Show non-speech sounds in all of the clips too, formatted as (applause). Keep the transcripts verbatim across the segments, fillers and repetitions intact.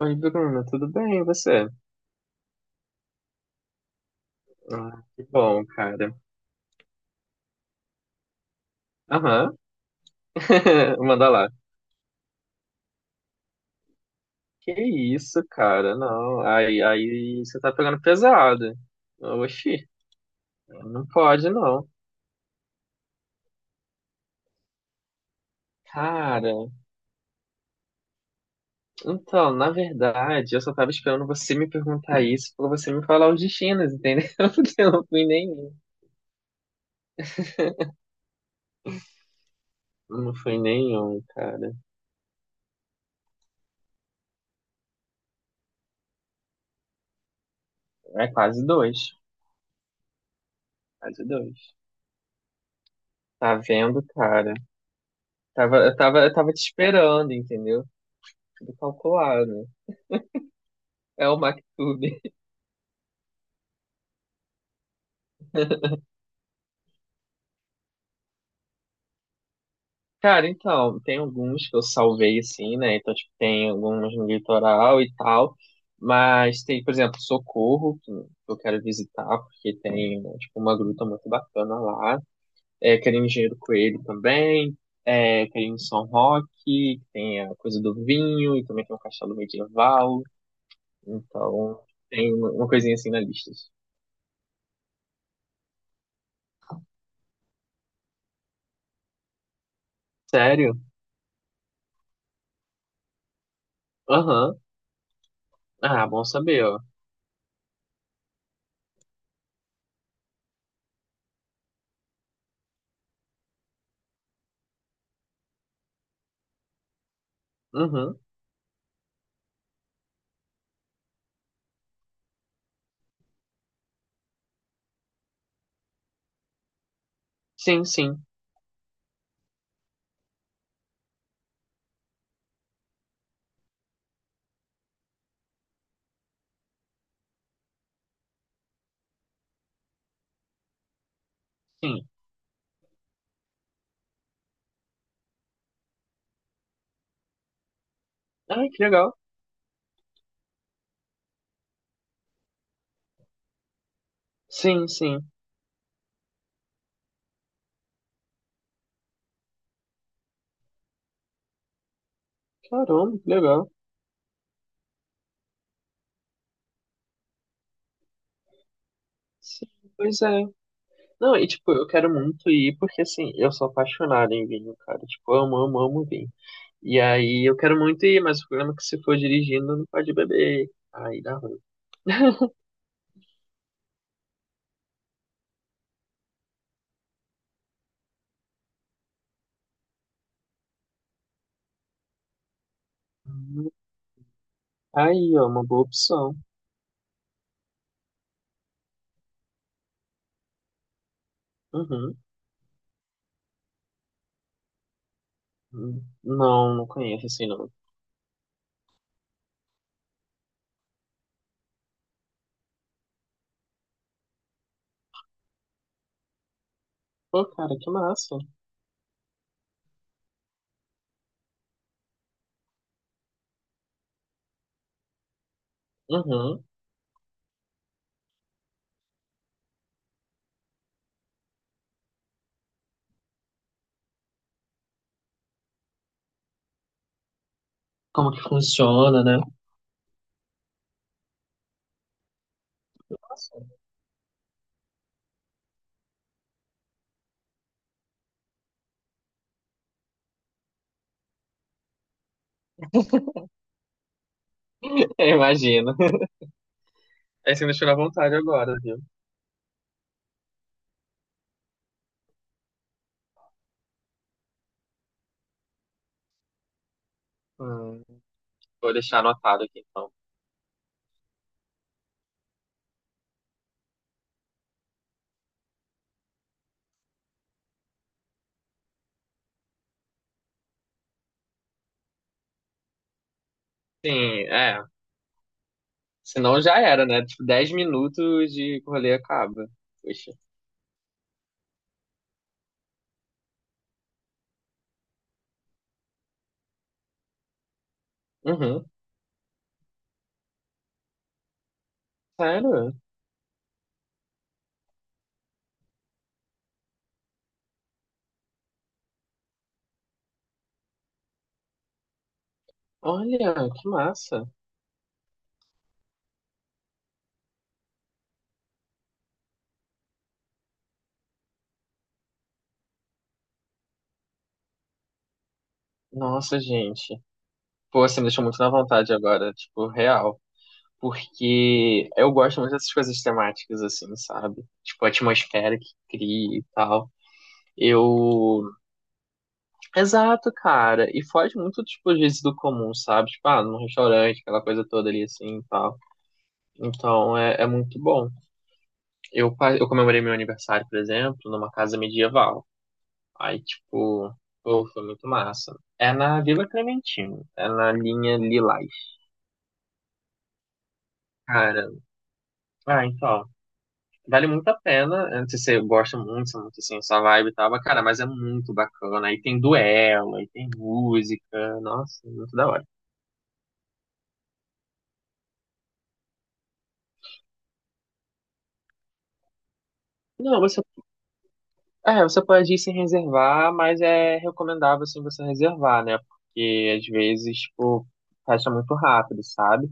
Oi, Bruno, tudo bem, e você? Ah, que bom, cara. Aham. (laughs) Manda lá. Que isso, cara, não, aí, aí você tá pegando pesado. Oxi, não pode, não. Cara, então, na verdade, eu só tava esperando você me perguntar isso pra você me falar os destinos, entendeu? (laughs) Porque eu não fui nenhum. Não fui nenhum, cara. É quase dois, quase dois. Tá vendo, cara? Tava, eu tava, eu tava te esperando, entendeu? Tudo calculado. É o MacTube. (laughs) Cara, então, tem alguns que eu salvei, assim, né? Então, tipo, tem alguns no litoral e tal. Mas tem, por exemplo, Socorro, que eu quero visitar, porque tem, né, tipo, uma gruta muito bacana lá. É, quero ir em Engenheiro Coelho também. É, quero ir em São Roque, que tem a coisa do vinho, e também tem um castelo medieval. Então, tem uma uma coisinha assim na lista. Sério? Aham. Ah, bom saber, ó. Uhum. Sim, sim, sim. Ai, que legal. Sim, sim. Caramba, que legal. Sim, pois é. Não, e tipo, eu quero muito ir porque assim, eu sou apaixonado em vinho, cara. Tipo, amo, amo, amo vinho. E aí eu quero muito ir, mas o problema é que se for dirigindo não pode beber. Aí dá ruim. Hum, Aí, ó, uma boa opção. Uhum. Hum, Não, não conheço assim, não. Pô, cara, que massa. Uhum. Como que funciona, né? Nossa. (laughs) Eu imagino. Aí você me tirou à vontade agora, viu? Hum, Vou deixar anotado aqui, então. Sim, é. Senão já era, né? Tipo, dez minutos de rolê acaba. Poxa. Uhum. Sério? Olha, que massa. Nossa, gente. Pô, você me deixou muito na vontade agora, tipo, real. Porque eu gosto muito dessas coisas temáticas, assim, sabe? Tipo, a atmosfera que cria e tal. Eu. Exato, cara. E foge muito, tipo, às vezes do comum, sabe? Tipo, ah, num restaurante, aquela coisa toda ali, assim e tal. Então, é, é muito bom. Eu, pa- eu comemorei meu aniversário, por exemplo, numa casa medieval. Aí, tipo, pô, foi muito massa. É na Vila Clementino, é na linha Lilás. Cara, ah, então, vale muito a pena. Eu não sei se você gosta muito, se é muito assim, sua vibe e tal, mas, cara, mas é muito bacana. Aí tem duelo, aí tem música, nossa, muito da hora. Não, você, é, você pode ir sem reservar, mas é recomendável, assim, você reservar, né? Porque, às vezes, tipo, fecha muito rápido, sabe?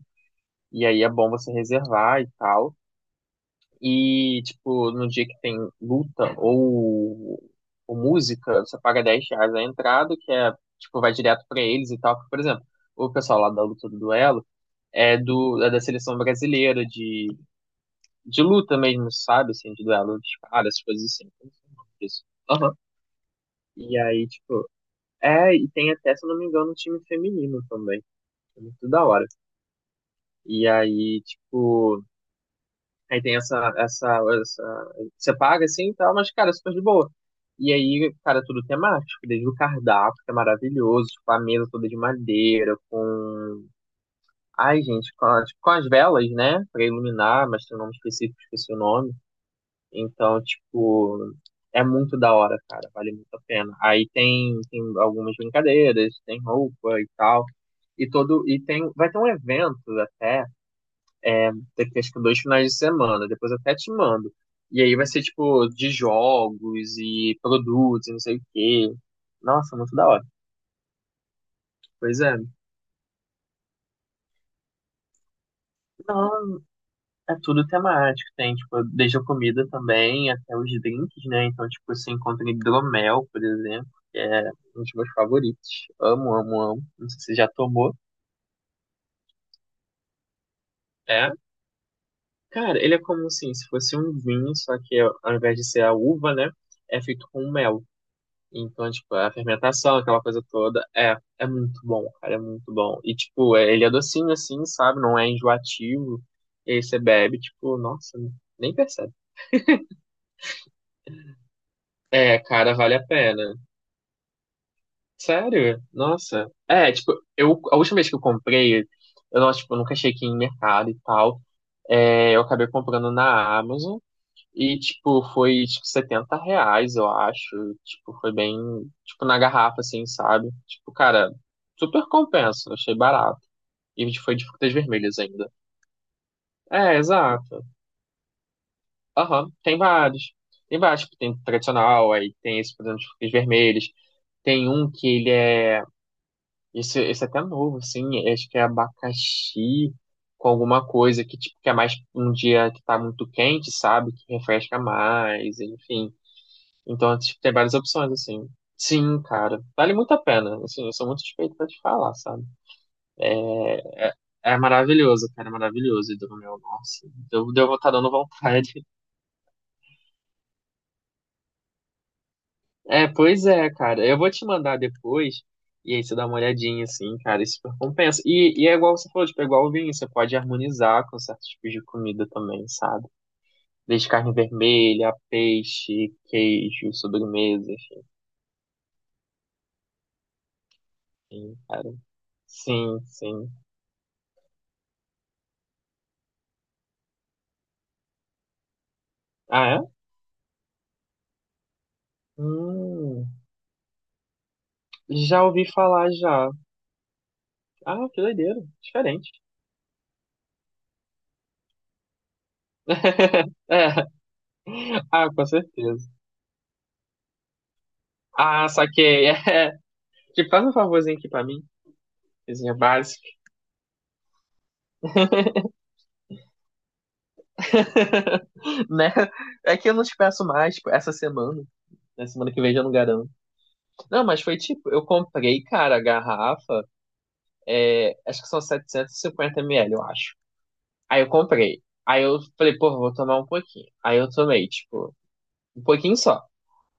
E aí é bom você reservar e tal. E, tipo, no dia que tem luta ou, ou música, você paga dez reais a entrada, que é, tipo, vai direto pra eles e tal. Porque, por exemplo, o pessoal lá da luta do duelo é do é da seleção brasileira de, de luta mesmo, sabe? Assim, de duelo de caras, essas coisas assim. Eu não sei o nome disso. Aham. E aí, tipo, é, e tem até, se eu não me engano, um time feminino também. É muito da hora. E aí, tipo, Aí tem essa, essa, essa. Você paga assim e tal, mas, cara, é super de boa. E aí, cara, tudo temático, desde o cardápio, que é maravilhoso, tipo, a mesa toda de madeira, com. Ai, gente, com, a- tipo, com as velas, né? Pra iluminar, mas tem um nome específico, esqueci o nome. Então, tipo, é muito da hora, cara, vale muito a pena. Aí tem, tem algumas brincadeiras, tem roupa e tal. E todo. E tem. Vai ter um evento até daqui acho que dois finais de semana, depois eu até te mando. E aí vai ser tipo de jogos e produtos e não sei o quê. Nossa, muito da hora. Pois é. Não, é tudo temático. Tem, tipo, desde a comida também até os drinks, né? Então, tipo, você encontra hidromel, por exemplo, que é um dos meus favoritos. Amo, amo, amo. Não sei se você já tomou. É. Cara, ele é como assim, se fosse um vinho, só que ao invés de ser a uva, né? É feito com mel. Então, tipo, é a fermentação, aquela coisa toda, é, é muito bom, cara, é muito bom. E, tipo, é- ele é docinho assim, sabe? Não é enjoativo. E aí você bebe, tipo, nossa, nem percebe. É, cara, vale a pena. Sério? Nossa. É, tipo, eu, a última vez que eu comprei, eu, não, tipo, eu nunca achei que ia em mercado e tal. É, eu acabei comprando na Amazon. E, tipo, foi, tipo, setenta reais, eu acho. Tipo, foi bem, tipo, na garrafa, assim, sabe? Tipo, cara, super compensa, achei barato. E foi de frutas vermelhas ainda. É, exato. Aham, tem vários. Tem vários, tipo, tem tradicional, aí tem esse, por exemplo, de frutas vermelhas. Tem um que ele é, esse, esse é até novo, assim, acho que é abacaxi com alguma coisa que, tipo, que é mais um dia que tá muito quente, sabe? Que refresca mais, enfim. Então, tipo, tem várias opções, assim. Sim, cara. Vale muito a pena. Assim, eu sou muito suspeito pra te falar, sabe? É maravilhoso, cara. É maravilhoso. E do meu, nossa. Deu, deu, tá dando vontade. (laughs) É, pois é, cara. Eu vou te mandar depois. E aí você dá uma olhadinha, assim, cara. Isso super compensa. E, e é igual você falou, tipo, é igual o vinho. Você pode harmonizar com certos tipos de comida também, sabe? Desde carne vermelha, peixe, queijo, sobremesa, enfim, cara. Sim, sim. Ah, é? Hum. Já ouvi falar já. Ah, que doideira. Diferente. (laughs) É, ah, com certeza. Ah, saquei. (laughs) É. Tipo, faz um favorzinho aqui pra mim. Coisinha básica. (laughs) Né? É que eu não te peço mais, tipo, essa semana. Na semana que vem já não garanto. Não, mas foi tipo, eu comprei, cara, a garrafa. É, acho que são setecentos e cinquenta ml, eu acho. Aí eu comprei. Aí eu falei, pô, vou tomar um pouquinho. Aí eu tomei, tipo, um pouquinho só.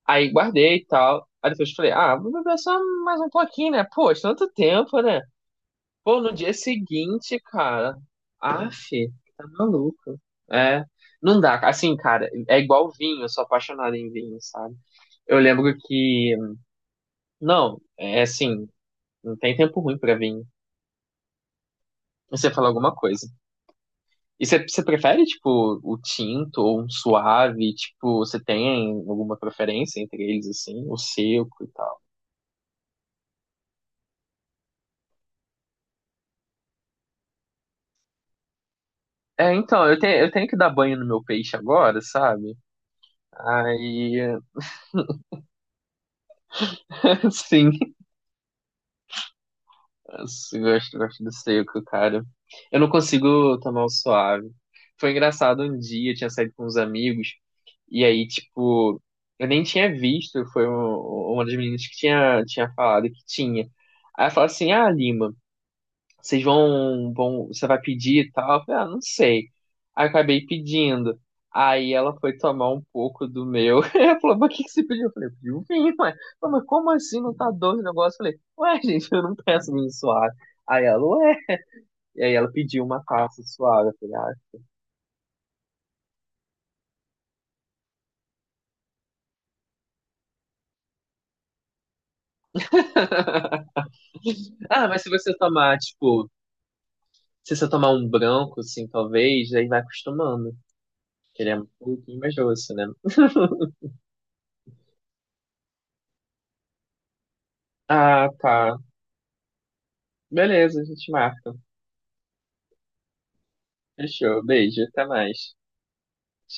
Aí guardei e tal. Aí depois eu falei, ah, vou beber só mais um pouquinho, né? Pô, tanto tempo, né? Pô, no dia seguinte, cara. Aff, tá maluco. É, não dá. Assim, cara, é igual vinho, eu sou apaixonado em vinho, sabe? Eu lembro que. Não, é assim, não tem tempo ruim pra vinho. Você fala alguma coisa. E você, você prefere, tipo, o tinto ou um suave? Tipo, você tem alguma preferência entre eles, assim? O seco e tal? É, então, eu tenho, eu tenho que dar banho no meu peixe agora, sabe? Aí, (laughs) sim. Eu gosto, gosto do seco, cara. Eu não consigo tomar o suave. Foi engraçado um dia, eu tinha saído com uns amigos, e aí, tipo, eu nem tinha visto, foi um- uma das meninas que tinha, tinha falado que tinha. Aí ela falou assim, ah, Lima, vocês vão, vão, você vai pedir e tal? Eu falei, ah, não sei. Aí eu acabei pedindo. Aí ela foi tomar um pouco do meu. (laughs) Ela falou, mas o que que você pediu? Eu falei, eu pedi um vinho, ué. Ela falou, mas como assim não tá doce o negócio? Eu falei, ué, (laughs) gente, eu não peço vinho suave. Aí ela, ué. E aí ela pediu uma taça suave. Eu falei, ah. (laughs) Ah, mas se você tomar, tipo, se você tomar um branco, assim, talvez, aí vai acostumando. Que ele é um pouquinho mais doce, né? (laughs) Ah, tá. Beleza, a gente marca. Fechou. Beijo. Até mais.